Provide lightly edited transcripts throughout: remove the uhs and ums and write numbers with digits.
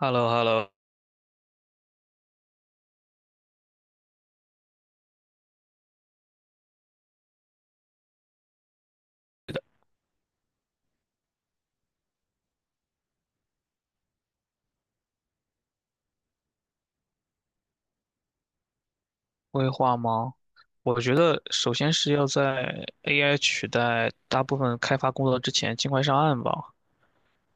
hello hello 规划吗？我觉得首先是要在 AI 取代大部分开发工作之前尽快上岸吧。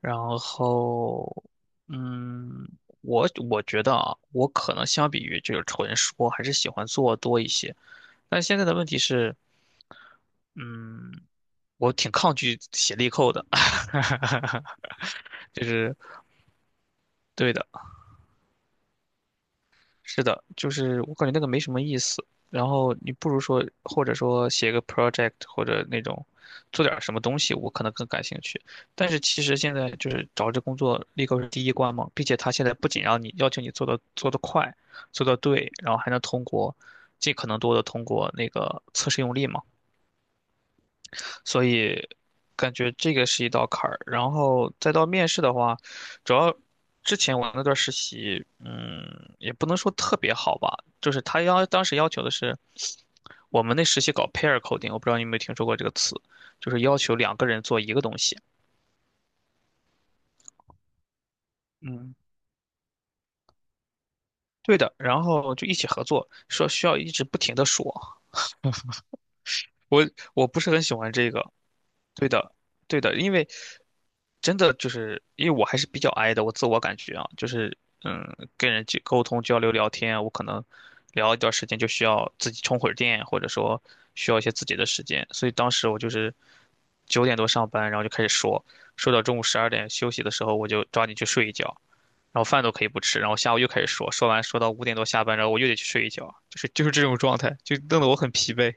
然后，嗯，我觉得啊，我可能相比于就是纯说，还是喜欢做多一些。但现在的问题是，嗯，我挺抗拒写力扣的，就是对的。是的，就是我感觉那个没什么意思。然后你不如说，或者说写个 project 或者那种做点儿什么东西，我可能更感兴趣。但是其实现在就是找这工作立刻是第一关嘛，并且他现在不仅让你要求你做的做得快、做得对，然后还能通过尽可能多的通过那个测试用力嘛。所以感觉这个是一道坎儿。然后再到面试的话，主要之前我那段实习，也不能说特别好吧，就是他要当时要求的是，我们那实习搞 pair coding，我不知道你有没有听说过这个词，就是要求两个人做一个东西。嗯，对的，然后就一起合作，说需要一直不停的说，我我不是很喜欢这个，对的，对的，因为真的就是因为我还是比较 i 的，我自我感觉啊，就是嗯，跟人去沟通、交流、聊天，我可能聊一段时间就需要自己充会儿电，或者说需要一些自己的时间，所以当时我就是9点多上班，然后就开始说，说到中午12点休息的时候，我就抓紧去睡一觉，然后饭都可以不吃，然后下午又开始说，说完说到5点多下班，然后我又得去睡一觉，就是这种状态，就弄得我很疲惫，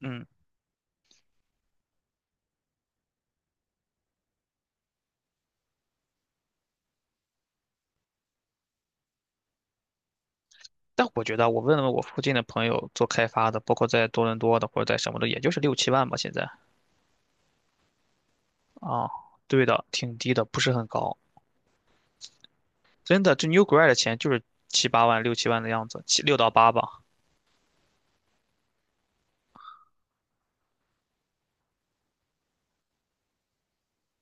嗯。但我觉得我问了问我附近的朋友做开发的，包括在多伦多的或者在什么的，也就是六七万吧现在。啊，对的，挺低的，不是很高。真的，这 New Grad 的钱就是七八万、六七万的样子，七六到八吧。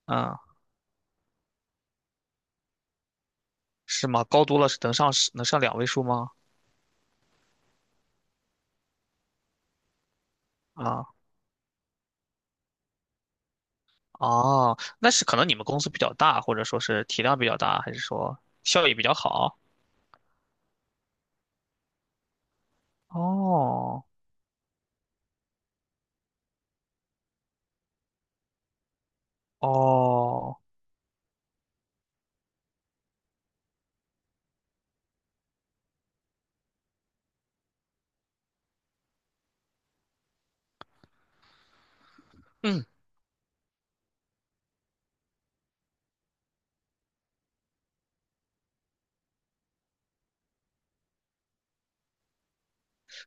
嗯，是吗？高多了是能上两位数吗？啊，哦，那是可能你们公司比较大，或者说是体量比较大，还是说效益比较好？哦，哦。嗯。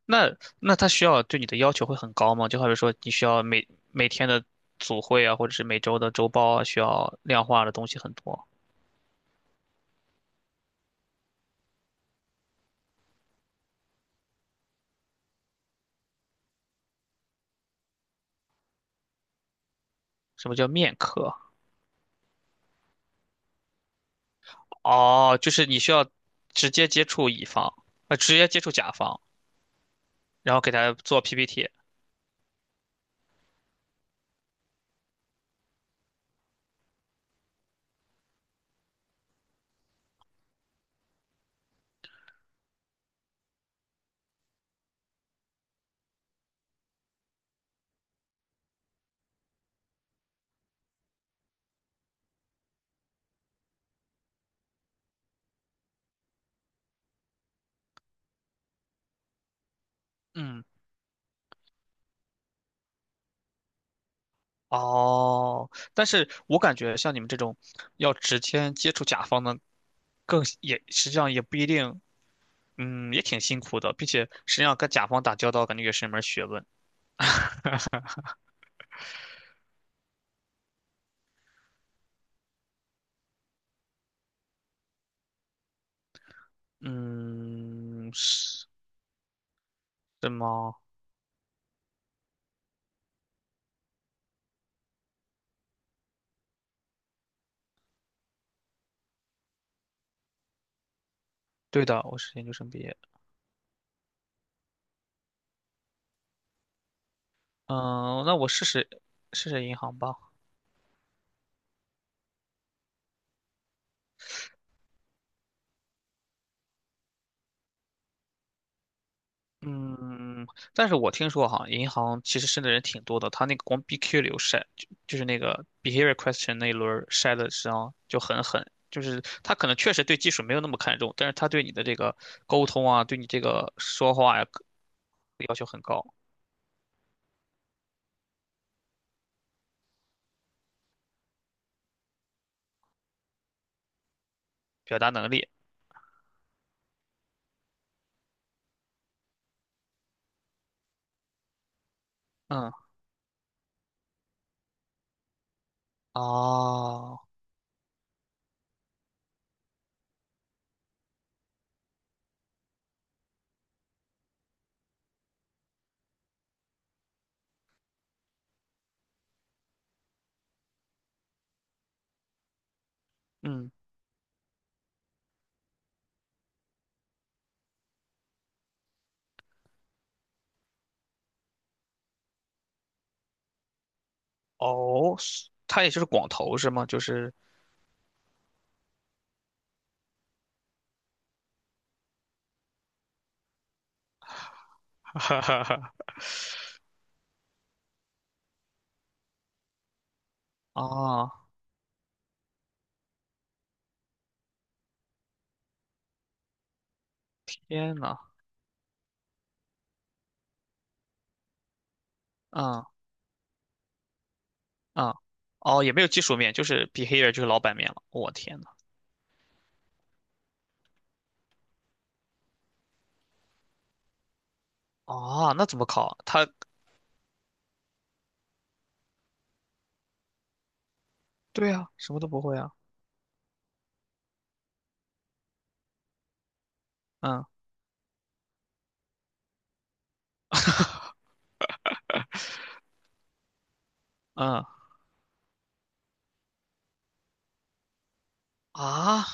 那他需要对你的要求会很高吗？就好比说你需要每天的组会啊，或者是每周的周报啊，需要量化的东西很多。什么叫面科？哦，就是你需要直接接触乙方，直接接触甲方，然后给他做 PPT。嗯，哦，但是我感觉像你们这种要直接接触甲方的，更也实际上也不一定，嗯，也挺辛苦的，并且实际上跟甲方打交道，感觉也是一门学问。嗯，是。是吗？对的，我是研究生毕业。嗯，那我试试银行吧。嗯，但是我听说哈，银行其实申的人挺多的，他那个光 BQ 流筛，就是那个 behavior question 那一轮儿筛的实际上就很狠，就是他可能确实对技术没有那么看重，但是他对你的这个沟通啊，对你这个说话呀、要求很高，表达能力。嗯，啊，嗯，哦，是他也就是广投是吗？就是，哈哈哈。啊天呐，嗯嗯，哦，也没有技术面，就是 behavir 就是老板面了。我、天呐，哦，那怎么考？对啊，什么都不会啊。嗯嗯啊，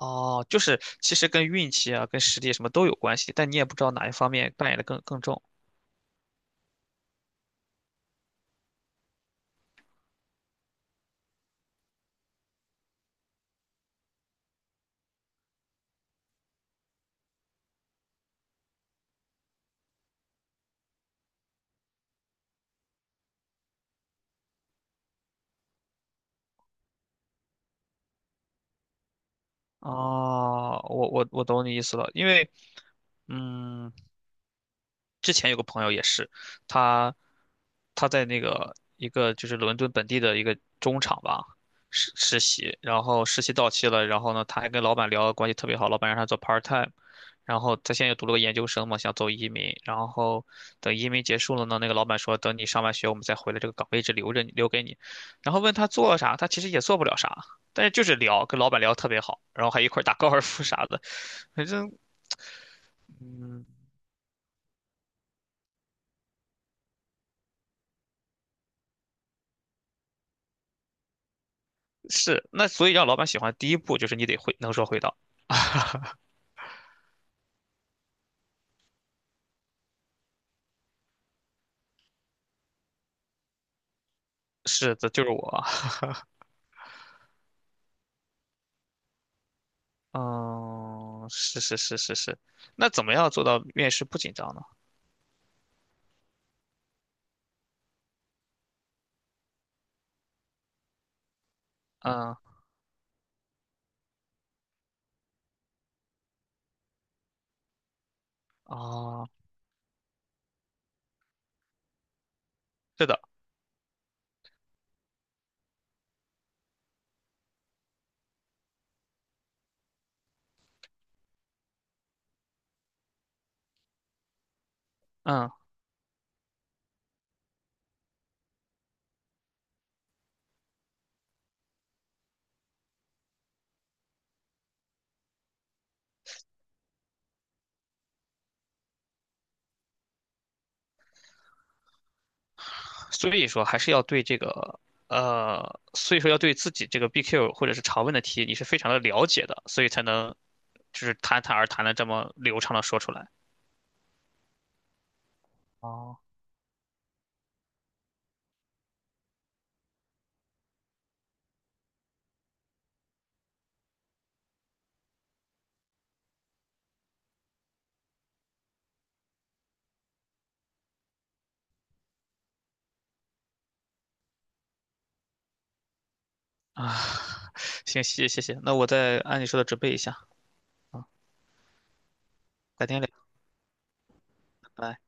哦，就是其实跟运气啊、跟实力什么都有关系，但你也不知道哪一方面扮演的更重。哦，我懂你意思了，因为嗯，之前有个朋友也是，他他在那个一个就是伦敦本地的一个中厂吧实习，然后实习到期了，然后呢，他还跟老板聊得关系特别好，老板让他做 part time，然后他现在又读了个研究生嘛，想走移民，然后等移民结束了呢，那个老板说等你上完学我们再回来，这个岗位一直留着你留给你，然后问他做啥，他其实也做不了啥，但是就是聊，跟老板聊得特别好，然后还一块儿打高尔夫啥的，反正嗯。是，那所以让老板喜欢，第一步就是你得会能说会道。是的，就是我。嗯，是是是是是。那怎么样做到面试不紧张呢？嗯哦，是的，嗯，所以说还是要对这个所以说要对自己这个 BQ 或者是常问的题，你是非常的了解的，所以才能就是侃侃而谈的这么流畅的说出来。哦啊，行，谢谢谢谢，那我再按你说的准备一下，改天聊，拜拜。